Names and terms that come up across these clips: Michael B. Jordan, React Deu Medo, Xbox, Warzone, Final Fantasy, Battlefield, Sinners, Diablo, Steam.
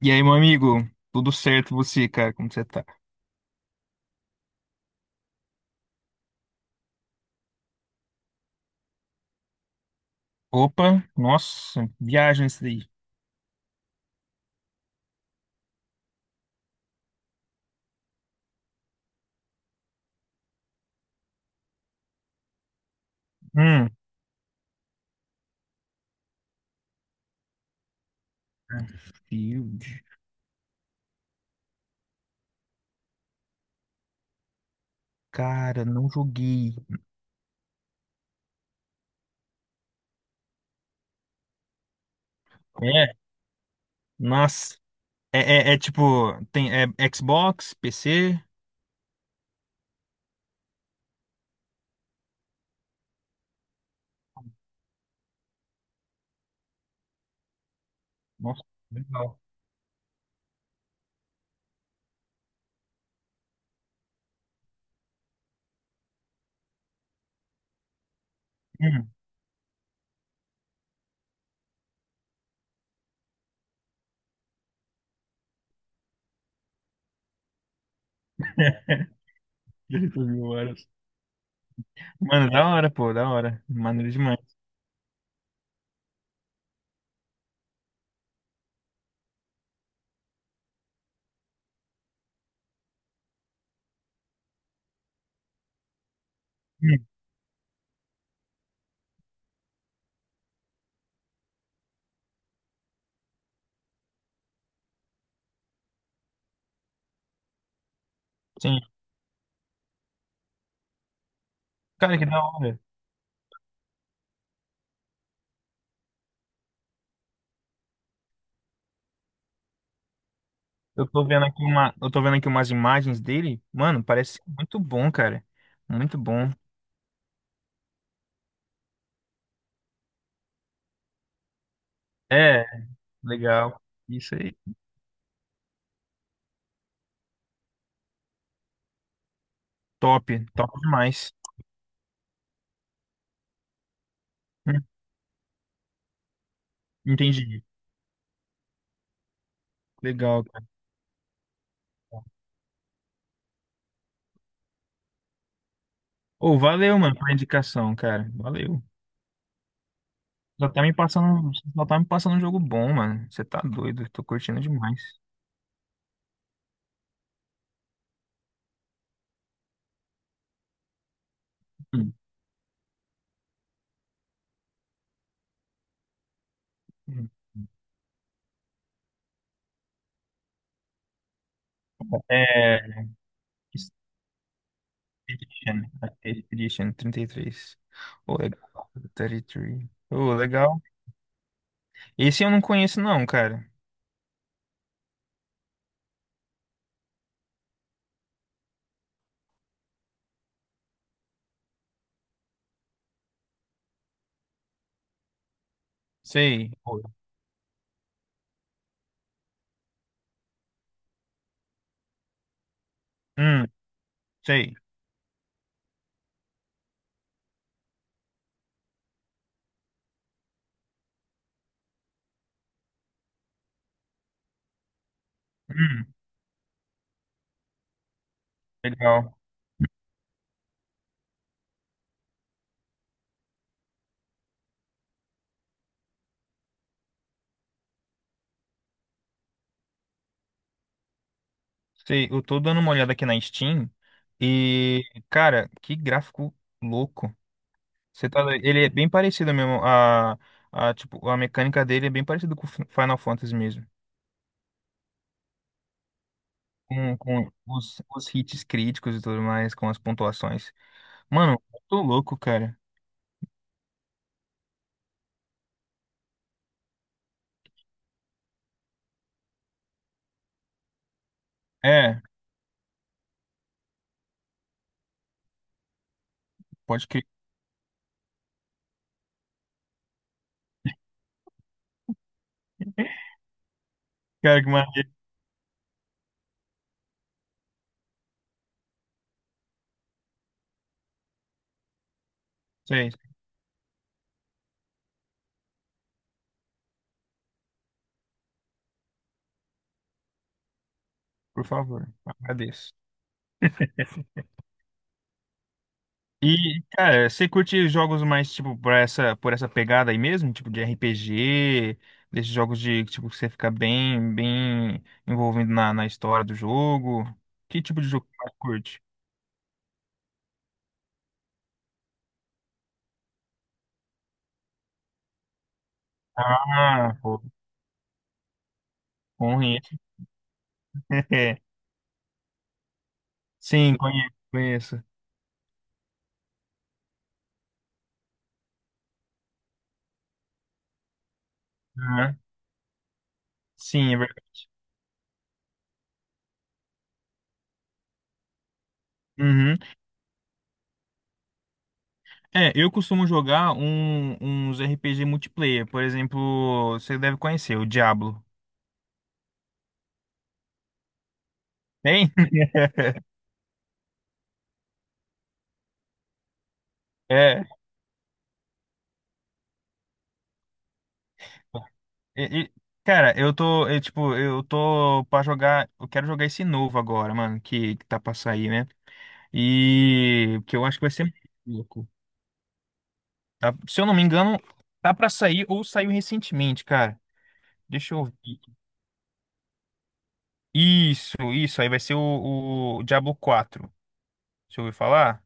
E aí, meu amigo? Tudo certo você, cara? Como você tá? Opa, nossa, viagem isso daí. Hum. Battlefield. Cara, não joguei. É, nossa. Tipo, tem Xbox, PC. Nossa, legal. Hum. Já tô 1.000 horas. Mano, da hora, pô, da hora. Maneiro demais. Hum, Sim. Cara, que da hora. Eu tô vendo aqui umas imagens dele. Mano, parece muito bom, cara. Muito bom. É, Legal. Isso aí. Top. Top demais. Hum, Entendi. Legal, cara. Ô, valeu, mano, pela indicação, cara. Valeu. Só tá me passando um jogo bom, mano. Você tá doido. Tô curtindo demais. Hum, hum. É. Expedition. Expedition 33. Ô, legal. 33. Ô, legal. Esse eu não conheço, não, cara. Sei. Ô, hum, sei. Hum, Legal. Sei, eu tô dando uma olhada aqui na Steam e, cara, que gráfico louco. Ele é bem parecido mesmo, tipo, a mecânica dele é bem parecida com o Final Fantasy mesmo. Com os hits críticos e tudo mais, com as pontuações. Mano, eu tô louco, cara. É, pode crer. Cara, que maravilha. Sei, por favor, agradeço. E, cara, você curte jogos mais, tipo, por essa pegada aí mesmo? Tipo, de RPG, desses jogos de, tipo, que você fica bem envolvido na história do jogo? Que tipo de jogo que você mais curte? Ah, pô, conheço. Sim, conheço, conheço. Aham. Sim, é verdade. Uhum. Eu costumo jogar uns RPG multiplayer. Por exemplo, você deve conhecer o Diablo. Tem? É. E, cara, eu tô pra jogar, eu quero jogar esse novo agora, mano, que tá pra sair, né? E que eu acho que vai ser muito louco. Tá? Se eu não me engano, tá pra sair ou saiu recentemente, cara. Deixa eu ver. Isso, aí vai ser o Diablo 4. Deixa eu ouvir falar.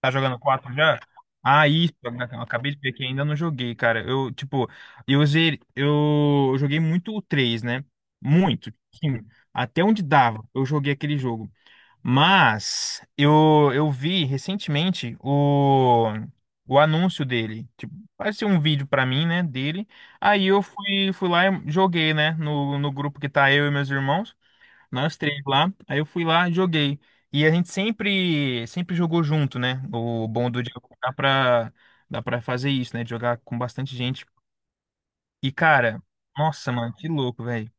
Tá jogando 4 já? Ah, isso, eu acabei de ver que ainda não joguei, cara. Eu, tipo, eu usei, eu joguei muito o 3, né? Muito, sim. Até onde dava, eu joguei aquele jogo. Mas eu vi recentemente o anúncio dele. Tipo, apareceu um vídeo pra mim, né, dele. Aí eu fui lá e joguei, né, no grupo que tá eu e meus irmãos. Nós três lá. Aí eu fui lá, e joguei. E a gente sempre, sempre jogou junto, né? O bom do Diego dá pra fazer isso, né? De jogar com bastante gente. E, cara, nossa, mano, que louco, velho.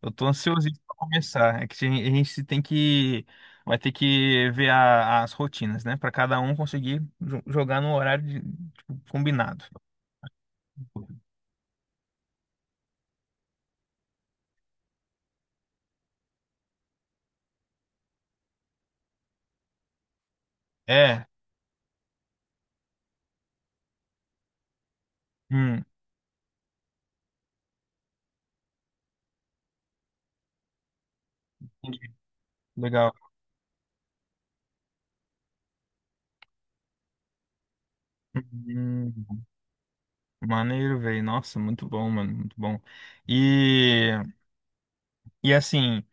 Eu tô ansiosíssimo pra começar. É que a gente tem que. Vai ter que ver as rotinas, né? Pra cada um conseguir jogar no horário tipo, combinado. É. Hum, Entendi. Legal. Hum, Maneiro, velho. Nossa, muito bom, mano. Muito bom. E. E assim,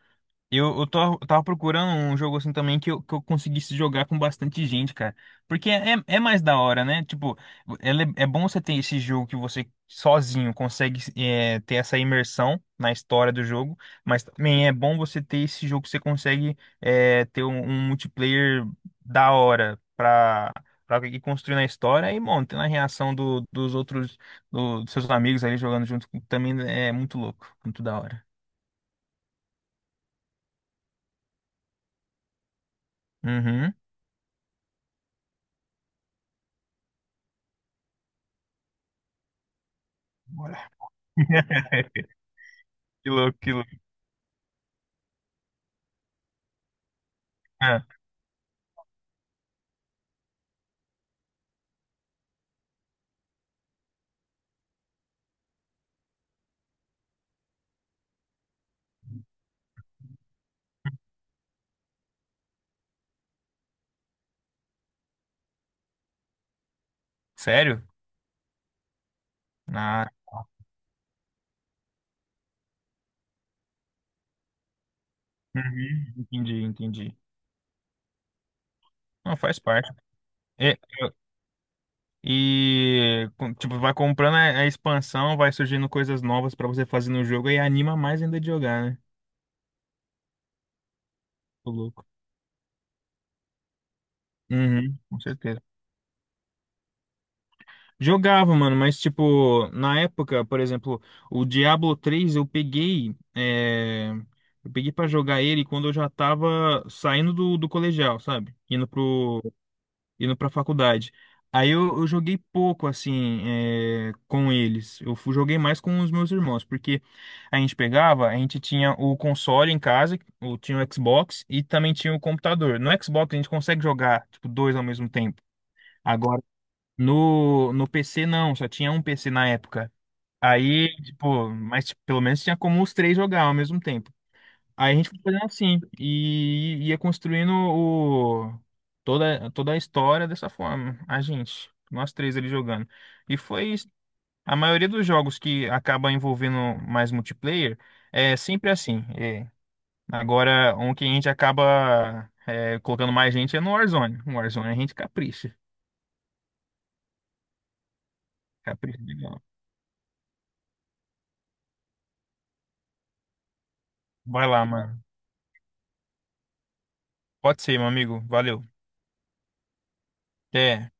eu tava procurando um jogo assim também que que eu conseguisse jogar com bastante gente, cara. Porque é mais da hora, né? Tipo, ela é bom você ter esse jogo que você sozinho consegue ter essa imersão na história do jogo, mas também é bom você ter esse jogo que você consegue ter um multiplayer da hora pra ir construindo a história e, bom, tendo a reação dos outros, dos seus amigos ali jogando junto também é muito louco, muito da hora. Uhum. Que louco, que louco. Ah, sério? Ah, tá. Uhum, entendi, entendi. Não, faz parte. E, e, tipo, vai comprando a expansão, vai surgindo coisas novas pra você fazer no jogo e anima mais ainda de jogar, né? Tô louco. Uhum, com certeza. Jogava, mano, mas tipo, na época, por exemplo, o Diablo 3 eu peguei pra jogar ele quando eu já tava saindo do colegial, sabe? Indo para faculdade. Aí eu joguei pouco assim com eles. Eu joguei mais com os meus irmãos, porque a gente tinha o console em casa, o tinha o Xbox e também tinha o computador. No Xbox a gente consegue jogar tipo dois ao mesmo tempo. Agora no PC não, só tinha um PC na época. Aí, tipo, mas tipo, pelo menos tinha como os três jogar ao mesmo tempo. Aí a gente foi fazendo assim e ia construindo toda a história dessa forma. A gente, nós três ali jogando. E foi isso. A maioria dos jogos que acaba envolvendo mais multiplayer é sempre assim. É. Agora, um que a gente acaba colocando mais gente é no Warzone. No Warzone a gente capricha. Capricha legal. Vai lá, mano. Pode ser, meu amigo. Valeu. Até.